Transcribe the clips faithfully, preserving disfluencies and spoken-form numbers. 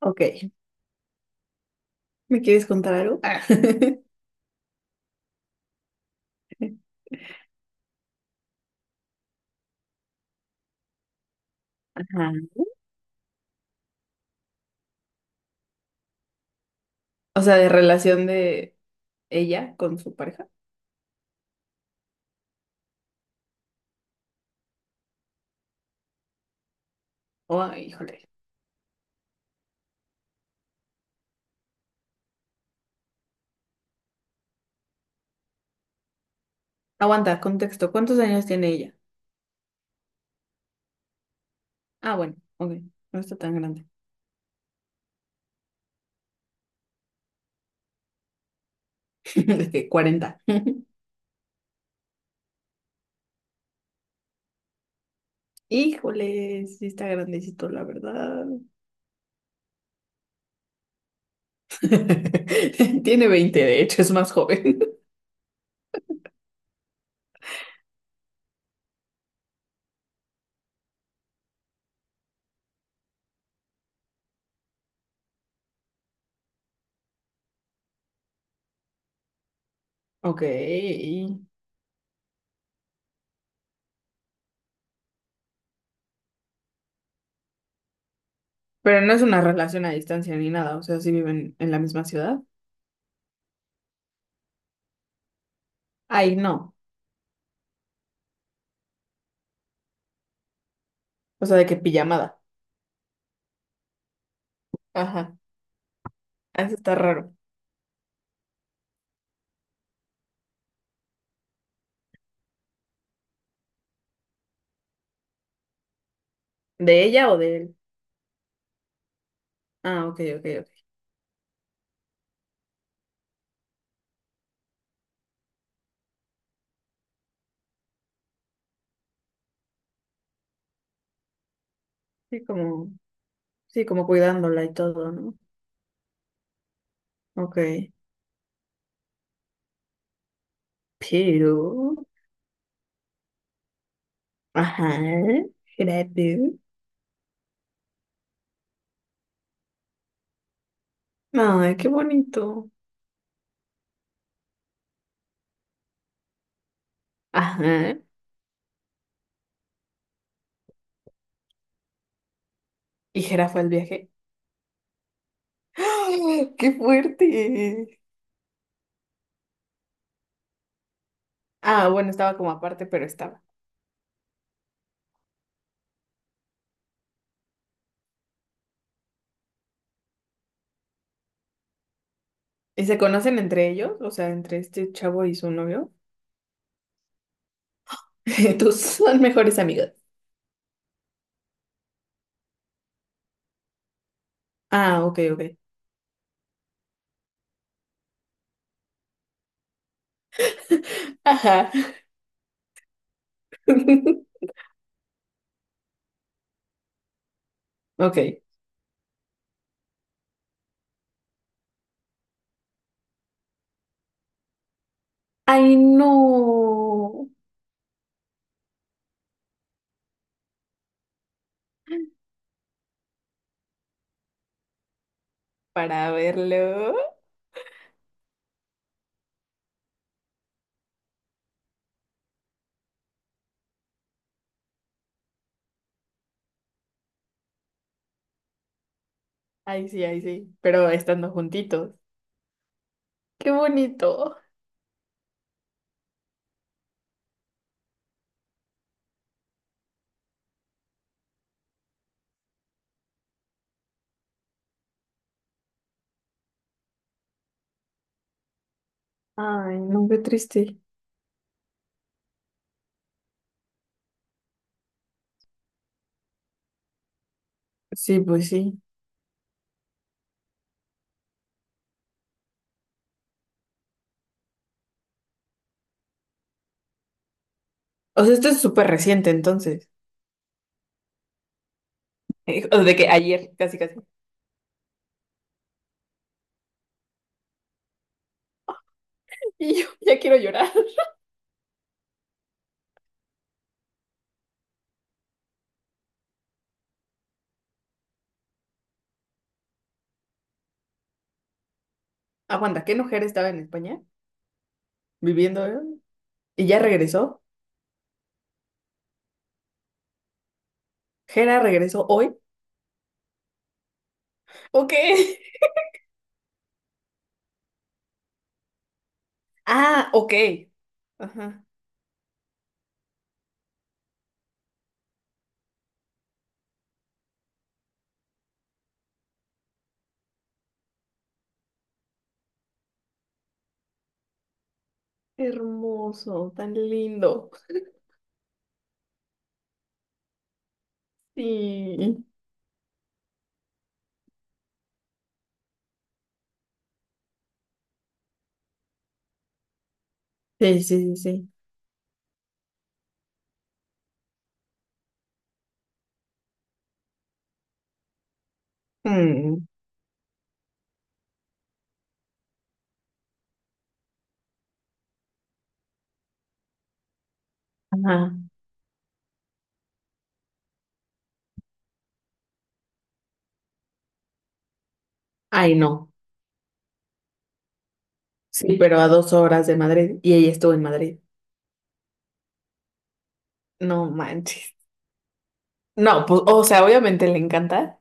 Ok. ¿Me quieres contar algo? Ah. Ajá. O sea, de relación de ella con su pareja. Oh, ay, híjole. Aguanta, contexto. ¿Cuántos años tiene ella? Ah, bueno, ok. No está tan grande. De que cuarenta. Híjole, sí está grandecito, la verdad. Tiene veinte, de hecho, es más joven. Ok. Pero no es una relación a distancia ni nada. O sea, sí viven en la misma ciudad. Ay, no. O sea, de que pijamada. Ajá. Eso está raro. ¿De ella o de él? Ah, ok, ok, ok. Sí, como, sí, como cuidándola y todo, ¿no? Ok. Pero, ajá, jirafa. Ay, qué bonito. Ajá. Y jirafa el viaje. ¡Ah! ¡Qué fuerte! Ah, bueno, estaba como aparte, pero estaba. ¿Y se conocen entre ellos? O sea, entre este chavo y su novio. Tus son mejores amigos. Ah, ok, ok. Ajá. Ok. Ay, no. Para verlo. Ay, sí, ay, sí. Pero estando juntitos. Qué bonito. Ay, no, qué triste. Sí, pues sí. O sea, esto es súper reciente entonces. Eh, o de que ayer, casi, casi. Y yo ya quiero llorar. Aguanta, ¿qué mujer estaba en España viviendo? ¿Eh? ¿Y ya regresó? ¿Jera regresó hoy? Ok. Ah, ok. Ajá. Hermoso, tan lindo. Sí. Sí, sí, sí, sí. Mm. Ajá. Ay, no. Sí, pero a dos horas de Madrid y ella estuvo en Madrid. No manches. No, pues, o sea, obviamente le encanta.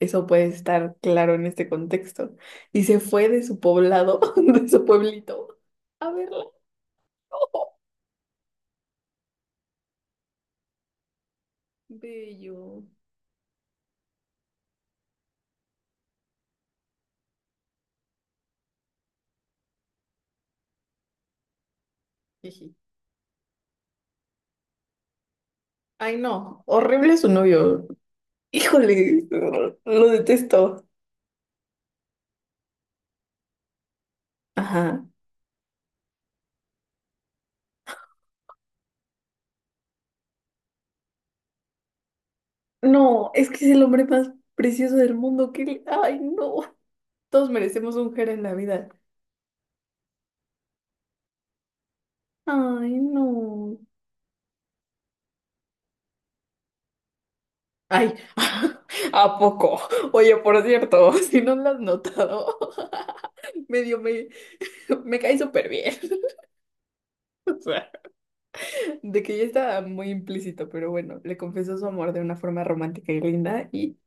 Eso puede estar claro en este contexto. Y se fue de su poblado, de su pueblito, a verla. ¡Oh! Bello. Jiji. Ay, no. Horrible su novio. Híjole, lo detesto. Ajá. No, es que es el hombre más precioso del mundo. Que... le- Ay, no. Todos merecemos un Jera en la vida. Ay, no. Ay. ¿A poco? Oye, por cierto, si no lo has notado, medio me, me cae súper bien. O sea, de que ya está muy implícito, pero bueno, le confesó su amor de una forma romántica y linda y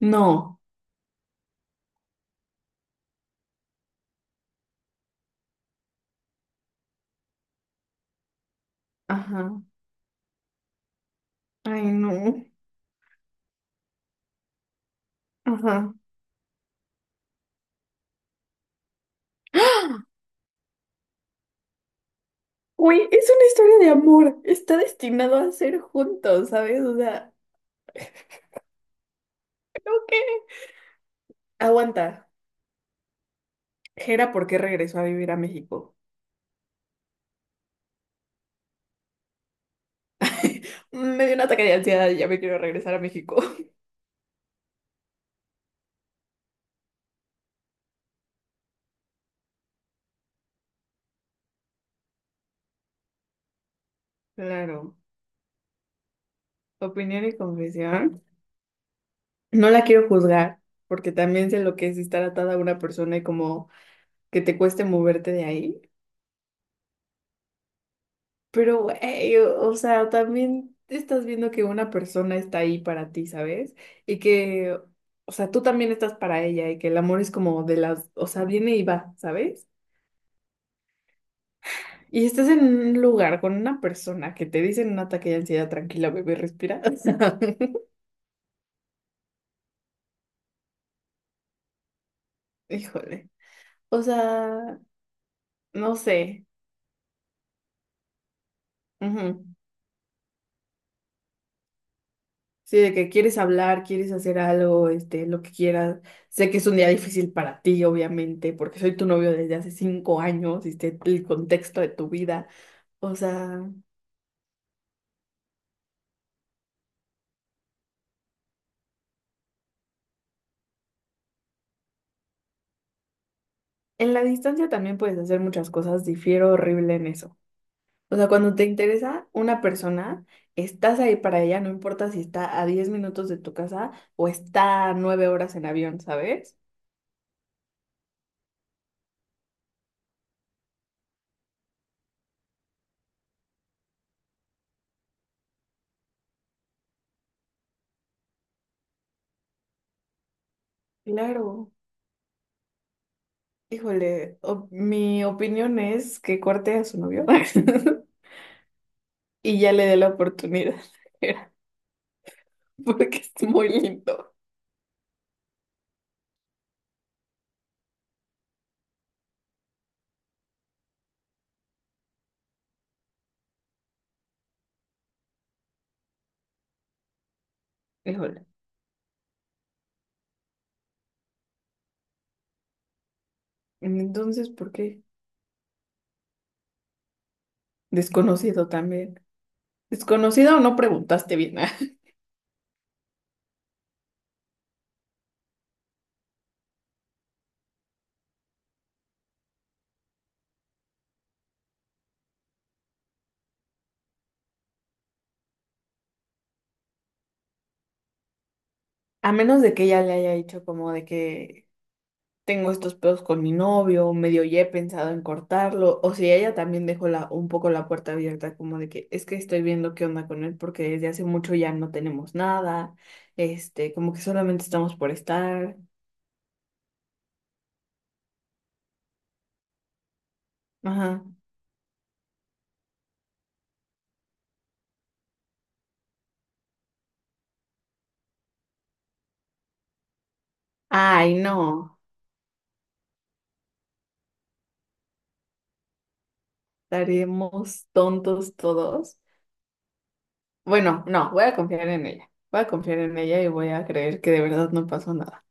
no. Ajá. Ay, no. Ajá. Güey, es una historia de amor. Está destinado a ser juntos, ¿sabes? O sea, creo que... Aguanta. Jera, ¿por qué regresó a vivir a México? Me dio un ataque de ansiedad y ya me quiero regresar a México. Claro. Opinión y confesión. No la quiero juzgar, porque también sé lo que es estar atada a una persona y como que te cueste moverte de ahí. Pero, güey, o, o sea, también estás viendo que una persona está ahí para ti, ¿sabes? Y que, o sea, tú también estás para ella y que el amor es como de las, o sea, viene y va, ¿sabes? Y estás en un lugar con una persona que te dice en un ataque de ansiedad, tranquila, bebé, respira. Híjole. O sea, no sé. Ujú. Sí, de que quieres hablar, quieres hacer algo, este, lo que quieras. Sé que es un día difícil para ti, obviamente, porque soy tu novio desde hace cinco años y sé el contexto de tu vida. O sea, en la distancia también puedes hacer muchas cosas, difiero horrible en eso. O sea, cuando te interesa una persona, estás ahí para ella, no importa si está a diez minutos de tu casa o está a nueve horas en avión, ¿sabes? Claro. Híjole, o- mi opinión es que corte a su novio. Y ya le dé la oportunidad, porque es muy lindo. Híjole. Entonces, ¿por qué? Desconocido también. Desconocido o no preguntaste bien. A menos de que ella le haya dicho como de que tengo estos pedos con mi novio, o medio ya he pensado en cortarlo, o si ella también dejó la, un poco la puerta abierta como de que es que estoy viendo qué onda con él porque desde hace mucho ya no tenemos nada, este, como que solamente estamos por estar. Ajá. Ay, no. Estaremos tontos todos. Bueno, no, voy a confiar en ella. Voy a confiar en ella y voy a creer que de verdad no pasó nada.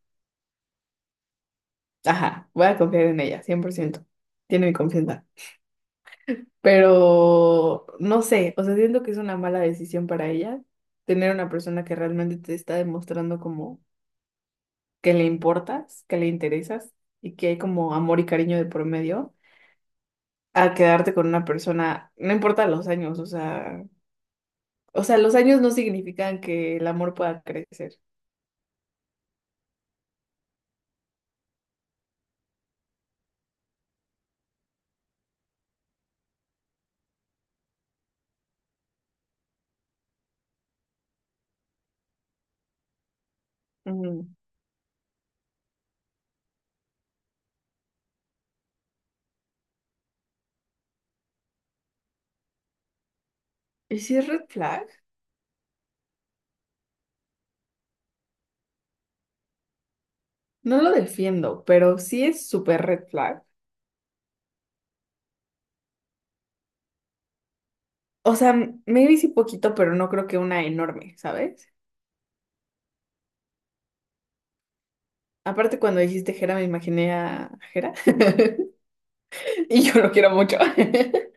Ajá, voy a confiar en ella, cien por ciento. Tiene mi confianza. Pero no sé, o sea, siento que es una mala decisión para ella tener una persona que realmente te está demostrando como que le importas, que le interesas y que hay como amor y cariño de por medio, a quedarte con una persona, no importa los años, o sea, o sea, los años no significan que el amor pueda crecer. Mm. ¿Y si es red flag? No lo defiendo, pero sí es súper red flag. O sea, m- maybe sí poquito, pero no creo que una enorme, ¿sabes? Aparte, cuando dijiste Jera, me imaginé a Jera. Y yo lo quiero mucho.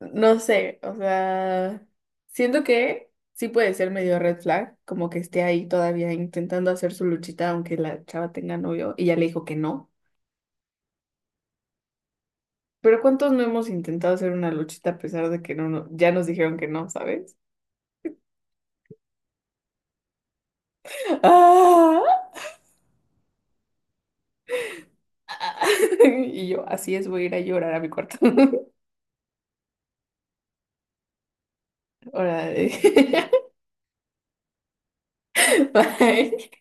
No sé, o sea, siento que sí puede ser medio red flag, como que esté ahí todavía intentando hacer su luchita, aunque la chava tenga novio y ya le dijo que no. Pero ¿cuántos no hemos intentado hacer una luchita a pesar de que no, no- ya nos dijeron que no, ¿sabes? ¡Ah! Y yo, así es, voy a ir a llorar a mi cuarto. Ahora, bye.